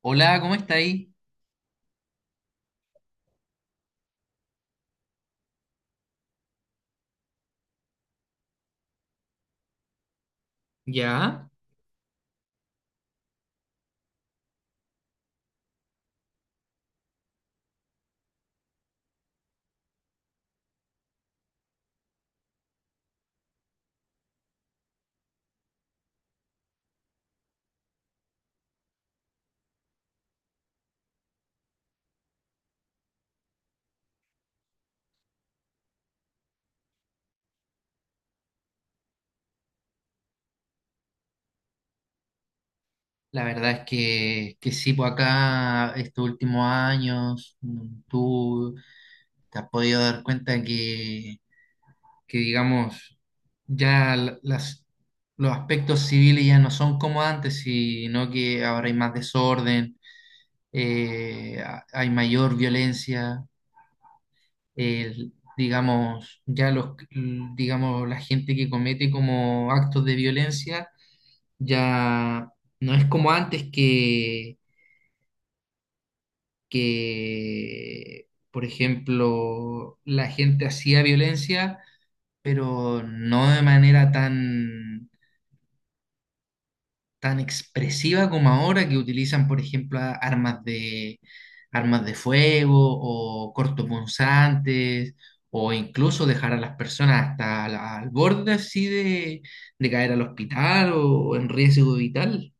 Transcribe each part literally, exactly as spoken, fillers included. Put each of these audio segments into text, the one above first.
Hola, ¿cómo está ahí? Ya. La verdad es que, que sí, por acá estos últimos años, mm, tú te has podido dar cuenta que, que digamos, ya la- las, los aspectos civiles ya no son como antes, sino que ahora hay más desorden, eh, ha- hay mayor violencia, el- digamos, ya los, mm, digamos, la gente que comete como actos de violencia. Ya no es como antes que, que, por ejemplo, la gente hacía violencia, pero no de manera tan, tan expresiva como ahora, que utilizan, por ejemplo, a- armas de, armas de fuego o cortopunzantes, o incluso dejar a las personas hasta la- al borde así de, de caer al hospital o en riesgo vital.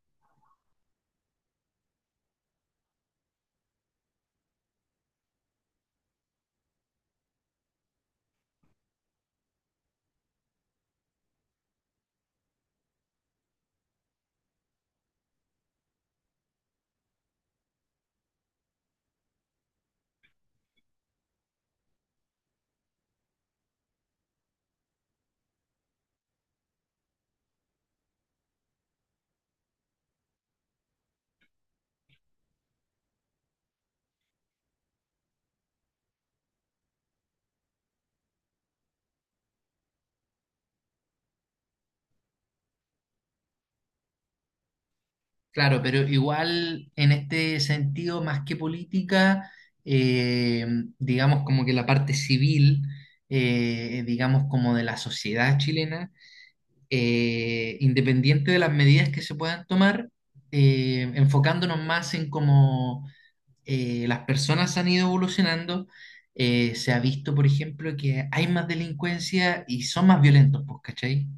Claro, pero igual en este sentido, más que política, eh, digamos como que la parte civil, eh, digamos como de la sociedad chilena, eh, independiente de las medidas que se puedan tomar, eh, enfocándonos más en cómo eh, las personas han ido evolucionando, eh, se ha visto, por ejemplo, que hay más delincuencia y son más violentos, pues, ¿cachai?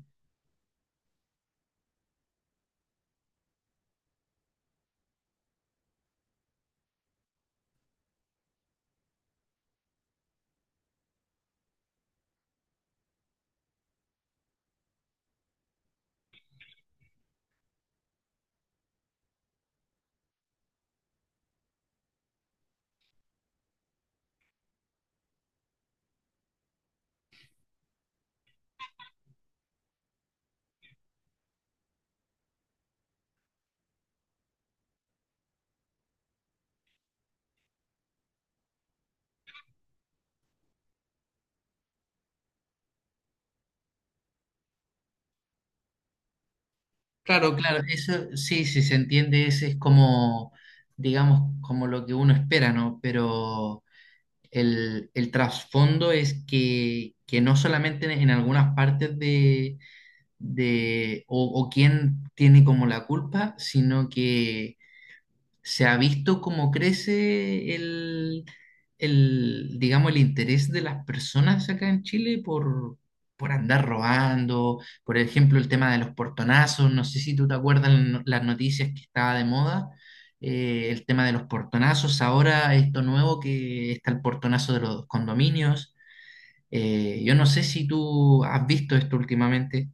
Claro, claro, eso sí, sí se entiende, ese es como, digamos, como lo que uno espera, ¿no? Pero el, el trasfondo es que, que no solamente en, algunas partes de, de o, o quién tiene como la culpa, sino que se ha visto cómo crece el, el, digamos, el interés de las personas acá en Chile por, por andar robando, por ejemplo, el tema de los portonazos, no sé si tú te acuerdas no- las noticias que estaba de moda, eh, el tema de los portonazos, ahora esto nuevo que está el portonazo de los condominios, eh, yo no sé si tú has visto esto últimamente.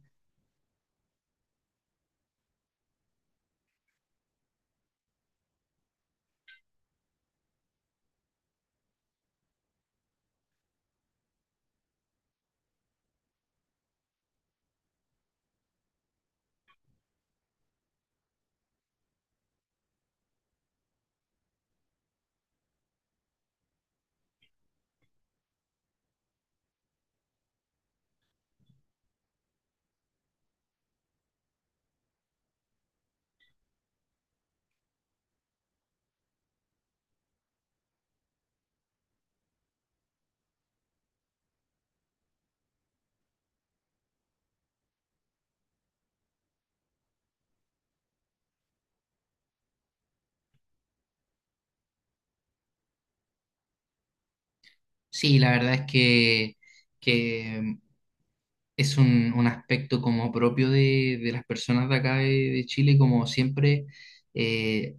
Sí, la verdad es que, que es un, un aspecto como propio de, de las personas de acá de, de Chile, como siempre eh,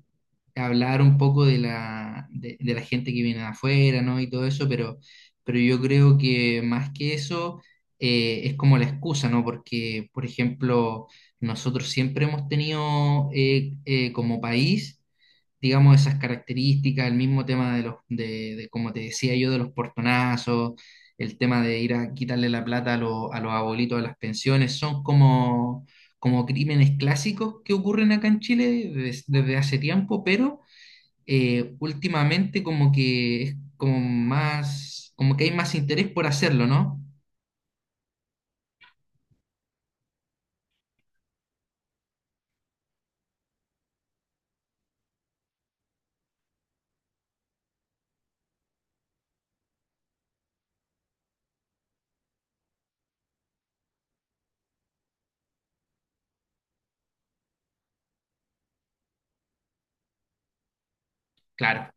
hablar un poco de la, de, de la gente que viene de afuera, ¿no? Y todo eso, pero, pero yo creo que más que eso eh, es como la excusa, ¿no? Porque, por ejemplo, nosotros siempre hemos tenido eh, eh, como país digamos, esas características, el mismo tema de los, de, de, como te decía yo, de los portonazos, el tema de ir a quitarle la plata a, los a los abuelitos de las pensiones, son como, como crímenes clásicos que ocurren acá en Chile des- desde hace tiempo, pero eh, últimamente como que es como más, como que hay más interés por hacerlo, ¿no? Claro,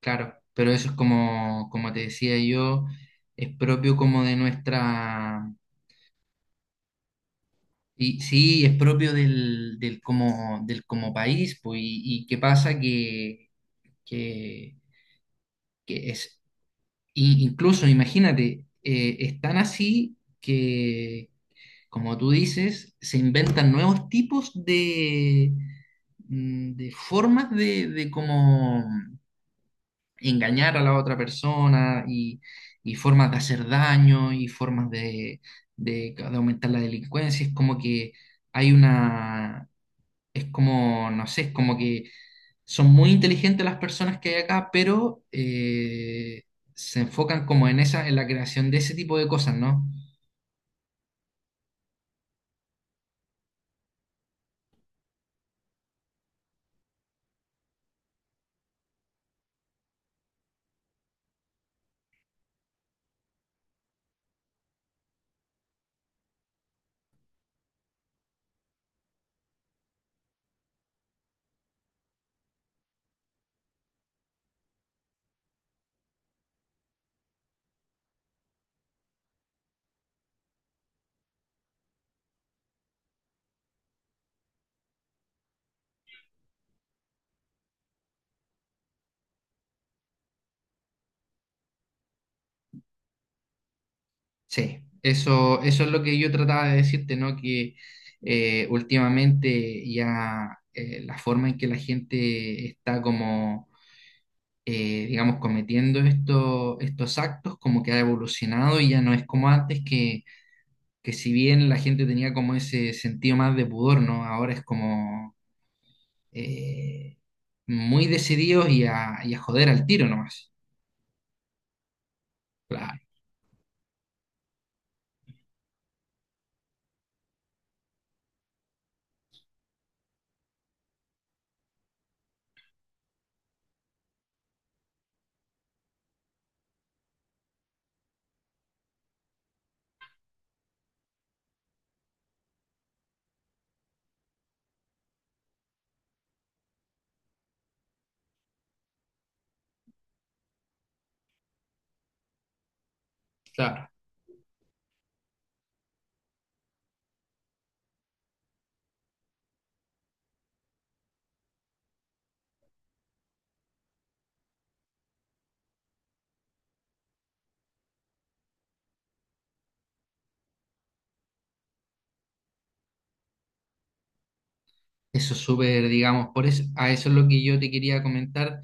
claro, pero eso es como, como te decía yo, es propio como de nuestra. Y sí, es propio del, del como, del como país, pues, y, y qué pasa que, que, que es, i- incluso imagínate, eh, es tan así que, como tú dices, se inventan nuevos tipos de, mm, de formas de, de cómo engañar a la otra persona y, y formas de hacer daño y formas de, de de aumentar la delincuencia. Es como que hay una, es como, no sé, es como que son muy inteligentes las personas que hay acá, pero eh, se enfocan como en esa, en la creación de ese tipo de cosas, ¿no? Sí, eso, eso es lo que yo trataba de decirte, ¿no? Que eh, últimamente ya eh, la forma en que la gente está como, eh, digamos, cometiendo esto- estos actos, como que ha evolucionado y ya no es como antes que, que si bien la gente tenía como ese sentido más de pudor, ¿no? Ahora es como eh, muy decididos y a, y a joder al tiro nomás. Claro, claro. Eso es súper, digamos, por eso, a eso es lo que yo te quería comentar,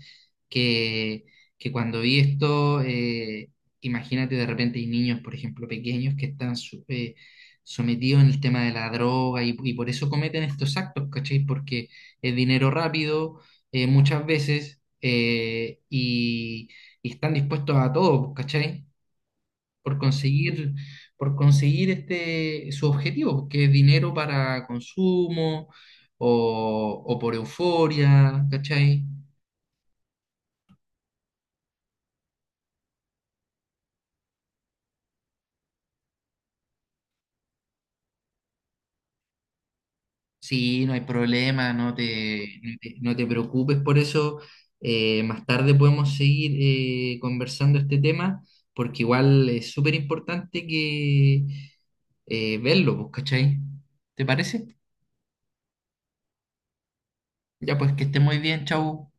que, que cuando vi esto, eh, imagínate de repente hay niños, por ejemplo, pequeños que están su- eh, sometidos en el tema de la droga y, y por eso cometen estos actos, ¿cachai? Porque es dinero rápido, eh, muchas veces, eh, y, y están dispuestos a todo, ¿cachai? Por conseguir, por conseguir este, su objetivo, que es dinero para consumo o, o por euforia, ¿cachai? Sí, no hay problema, no te, no te, no te preocupes por eso. Eh, más tarde podemos seguir eh, conversando este tema, porque igual es súper importante que eh, verlo, pues, ¿cachai? ¿Te parece? Ya pues que esté muy bien, chau.